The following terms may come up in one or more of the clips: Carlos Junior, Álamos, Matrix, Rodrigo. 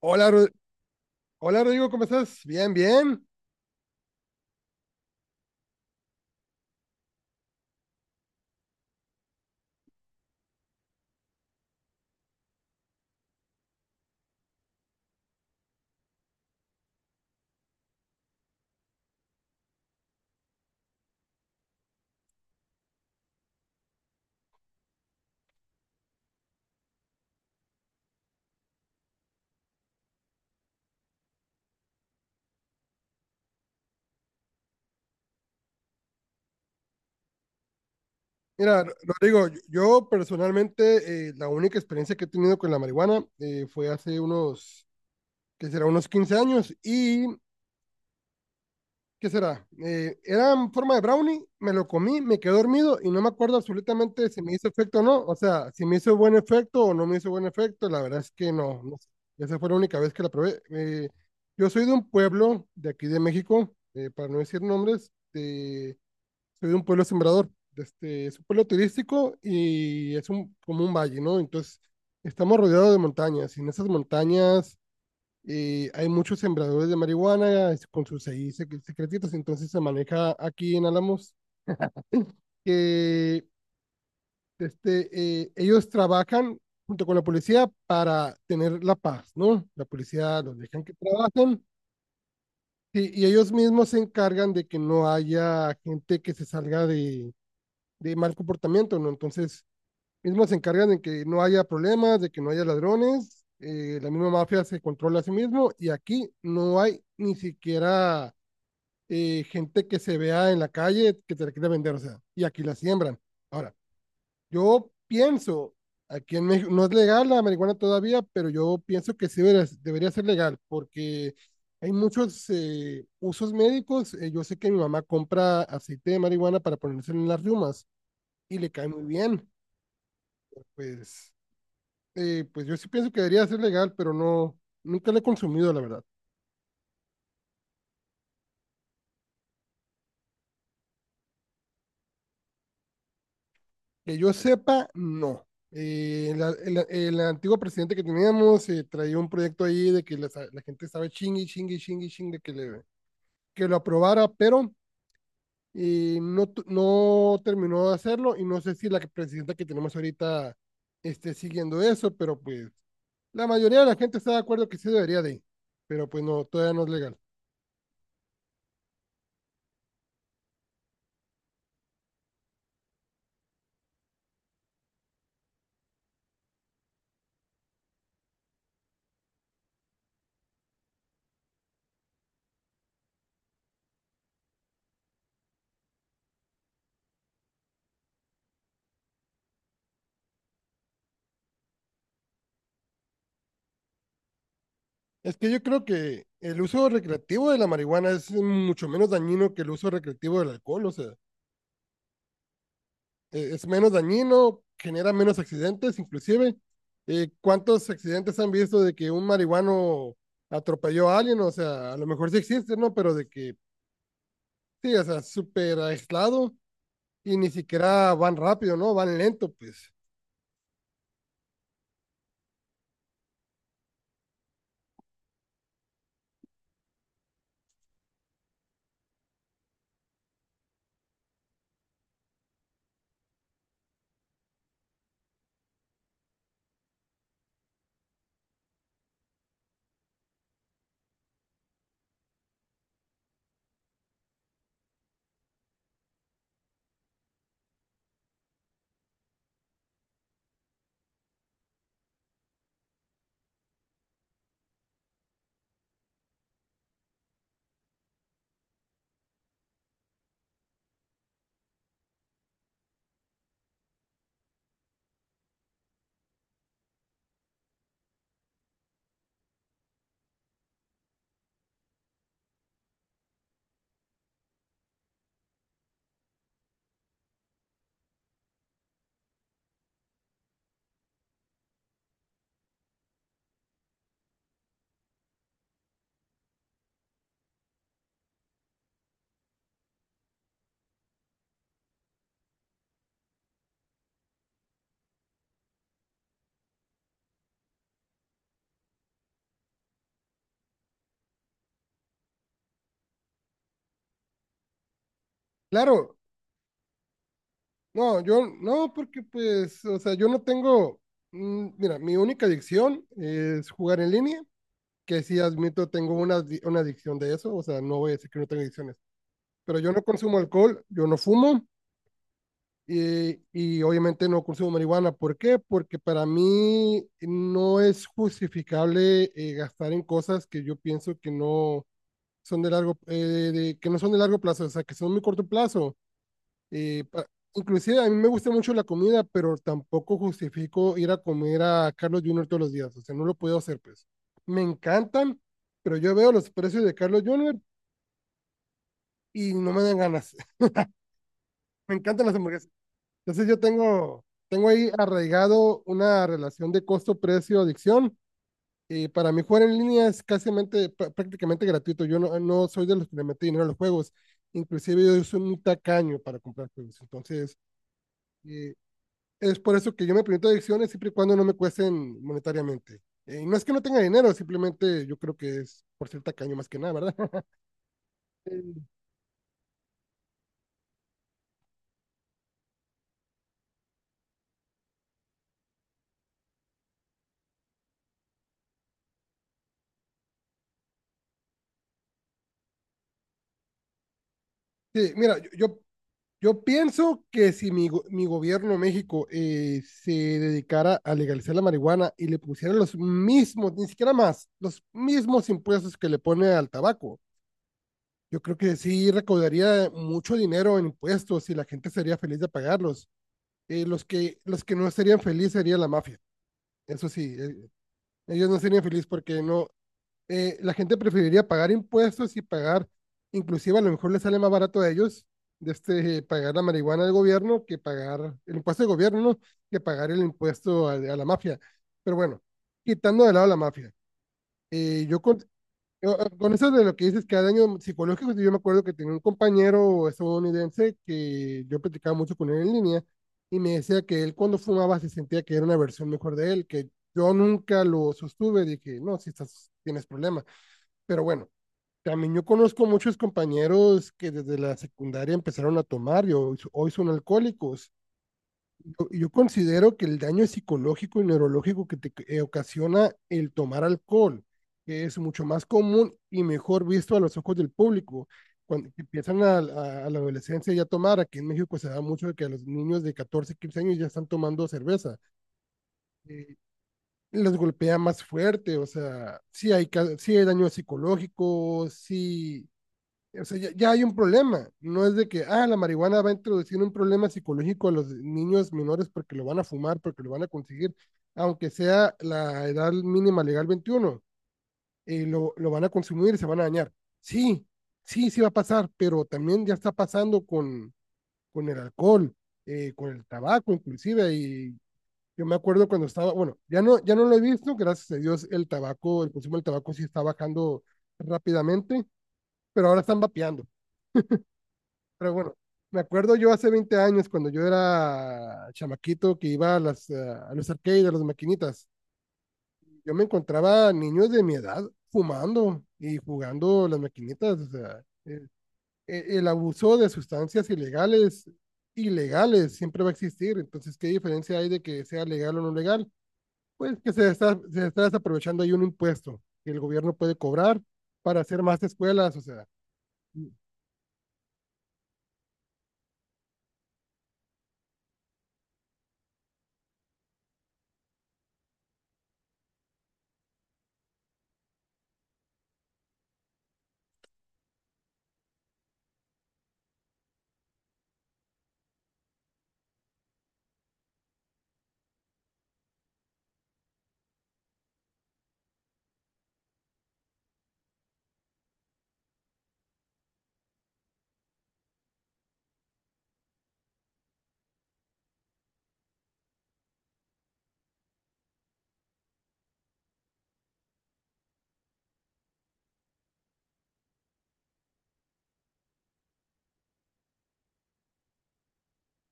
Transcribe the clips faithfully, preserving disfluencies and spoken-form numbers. Hola, Ro- hola Rodrigo, ¿cómo estás? Bien, bien. Mira, Ro- Rodrigo, yo yo personalmente eh, la única experiencia que he tenido con la marihuana eh, fue hace unos, ¿qué será? Unos quince años y, ¿qué será? Eh, era en forma de brownie, me lo comí, me quedé dormido y no me acuerdo absolutamente si me hizo efecto o no. O sea, si me hizo buen efecto o no me hizo buen efecto, la verdad es que no, no sé. Esa fue la única vez que la probé. Eh, yo soy de un pueblo de aquí de México, eh, para no decir nombres. Soy de un pueblo sembrador. Este, es un pueblo turístico y es un, como un valle, ¿no? Entonces, estamos rodeados de montañas y en esas montañas eh, hay muchos sembradores de marihuana es- con sus ahí sec- secretitos. Entonces, se maneja aquí en Álamos que este, eh, ellos trabajan junto con la policía para tener la paz, ¿no? La policía los dejan que trabajen sí, y ellos mismos se encargan de que no haya gente que se salga de, de mal comportamiento, ¿no? Entonces mismos se encargan de que no haya problemas, de que no haya ladrones, eh, la misma mafia se controla a sí mismo y aquí no hay ni siquiera eh, gente que se vea en la calle que te la quiera vender, o sea, y aquí la siembran. Ahora, yo pienso, aquí en México no es legal la marihuana todavía, pero yo pienso que sí debería, debería ser legal porque hay muchos eh, usos médicos. Eh, yo sé que mi mamá compra aceite de marihuana para ponerse en las riumas y le cae muy bien. Pues eh, pues yo sí pienso que debería ser legal, pero no, nunca la he consumido, la verdad. Que yo sepa, no. Eh, la- el, el antiguo presidente que teníamos eh, traía un proyecto ahí de que la, la gente estaba chingue, chingue, chingue, chingue que, le, que lo aprobara, pero eh, no, tu- no terminó de hacerlo y no sé si la que- presidenta que tenemos ahorita esté siguiendo eso, pero pues la mayoría de la gente está de acuerdo que sí debería de, pero pues no, todavía no es legal. Es que yo creo que el uso recreativo de la marihuana es mucho menos dañino que el uso recreativo del alcohol, o sea, eh, es menos dañino, genera menos accidentes, inclusive. Eh, ¿cuántos accidentes han visto de que un marihuano atropelló a alguien? O sea, a lo mejor sí existe, ¿no? Pero de que, sí, o sea, súper aislado y ni siquiera van rápido, ¿no? Van lento, pues. Claro, no, yo no, porque pues, o sea, yo no tengo, mm, mira, mi única adicción es jugar en línea que sí admito, tengo una, una adicción de eso, o sea, no voy a decir que no tengo adicciones, pero yo no consumo alcohol, yo no fumo y, y obviamente no consumo marihuana. ¿Por qué? Porque para mí no es justificable eh, gastar en cosas que yo pienso que no son de largo, eh, de- que no son de largo plazo, o sea, que son muy corto plazo eh, pa- inclusive a mí me gusta mucho la comida, pero tampoco justifico ir a comer a Carlos Junior todos los días. O sea, no lo puedo hacer, pues. Me encantan, pero yo veo los precios de Carlos Junior y no me dan ganas. Me encantan las hamburguesas. Entonces yo tengo, tengo ahí arraigado una relación de costo-precio-adicción. Y para mí jugar en línea es casi prácticamente gratuito. Yo no, no soy de los que le mete dinero a los juegos. Inclusive yo soy muy tacaño para comprar juegos. Entonces, eh, es por eso que yo me permito adicciones siempre y cuando no me cuesten monetariamente. Eh, no es que no tenga dinero, simplemente yo creo que es por cierta caño más que nada, ¿verdad? Sí, mira, yo, yo, yo pienso que si mi, go- mi gobierno México eh, se dedicara a legalizar la marihuana y le pusiera los mismos, ni siquiera más, los mismos impuestos que le pone al tabaco, yo creo que sí recaudaría mucho dinero en impuestos y la gente sería feliz de pagarlos. Eh, los que, los que no serían felices sería la mafia. Eso sí, eh, ellos no serían felices porque no, eh, la gente preferiría pagar impuestos y pagar, inclusive a lo mejor les sale más barato a ellos de este, pagar la marihuana del gobierno que pagar el impuesto del gobierno, ¿no? Que pagar el impuesto a, a la mafia. Pero bueno, quitando de lado la mafia, eh, yo con- eh, eh, con eso de lo que dices que hay daños psicológicos, yo me acuerdo que tenía un compañero estadounidense que yo platicaba mucho con él en línea y me decía que él cuando fumaba se sentía que era una versión mejor de él, que yo nunca lo sostuve, dije, no, si estás, tienes problema. Pero bueno, también yo conozco muchos compañeros que desde la secundaria empezaron a tomar y hoy, hoy son alcohólicos. Yo, yo considero que el daño psicológico y neurológico que te eh, ocasiona el tomar alcohol, que es mucho más común y mejor visto a los ojos del público. Cuando empiezan a, a- a la adolescencia ya a tomar, aquí en México se da mucho de que a los niños de catorce quince años ya están tomando cerveza. Eh, los golpea más fuerte, o sea, sí hay, ca- sí hay daño psicológico, sí, o sea, ya, ya hay un problema. No es de que, ah, la marihuana va a introducir un problema psicológico a los niños menores porque lo van a fumar, porque lo van a conseguir, aunque sea la edad mínima legal veintiuno, eh, lo, lo van a consumir y se van a dañar. Sí, sí, sí va a pasar, pero también ya está pasando con, con el alcohol, eh, con el tabaco inclusive, y yo me acuerdo cuando estaba, bueno, ya no, ya no lo he visto, gracias a Dios el tabaco, el consumo del tabaco sí está bajando rápidamente, pero ahora están vapeando. Pero bueno, me acuerdo yo hace veinte años cuando yo era chamaquito que iba a, las, eh, a los arcades, a las maquinitas. Yo me encontraba niños de mi edad fumando y jugando las maquinitas. O sea, el, el el abuso de sustancias ilegales, ilegales, siempre va a existir. Entonces, ¿qué diferencia hay de que sea legal o no legal? Pues que se está, se está desaprovechando ahí un impuesto que el gobierno puede cobrar para hacer más escuelas. O sea,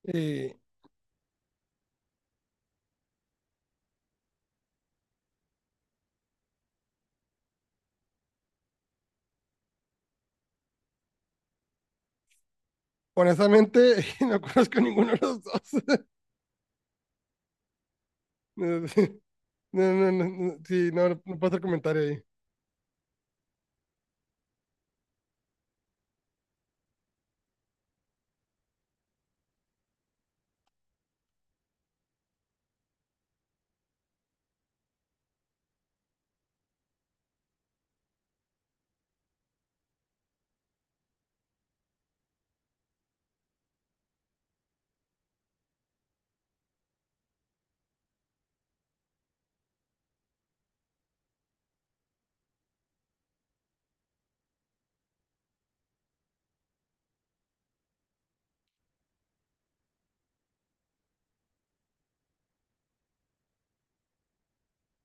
eh, honestamente, no conozco ninguno de los dos. No, no, no, no, sí, no, no puedo hacer comentario ahí.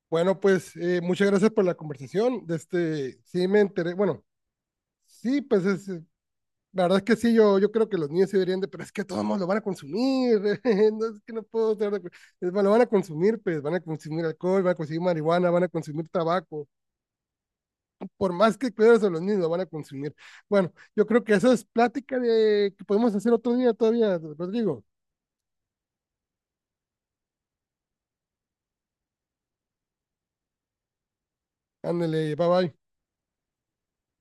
Bueno, pues eh, muchas gracias por la conversación. De este, sí me enteré, bueno, sí, pues es, eh, la verdad es que sí, yo, yo creo que los niños se deberían de, pero es que todos lo van a consumir, no es que no puedo estar de acuerdo. Es, bueno, lo van a consumir, pues van a consumir alcohol, van a consumir marihuana, van a consumir tabaco. Por más que cuides a los niños, lo van a consumir. Bueno, yo creo que eso es plática de que podemos hacer otro día todavía, Rodrigo. Ándale, bye bye.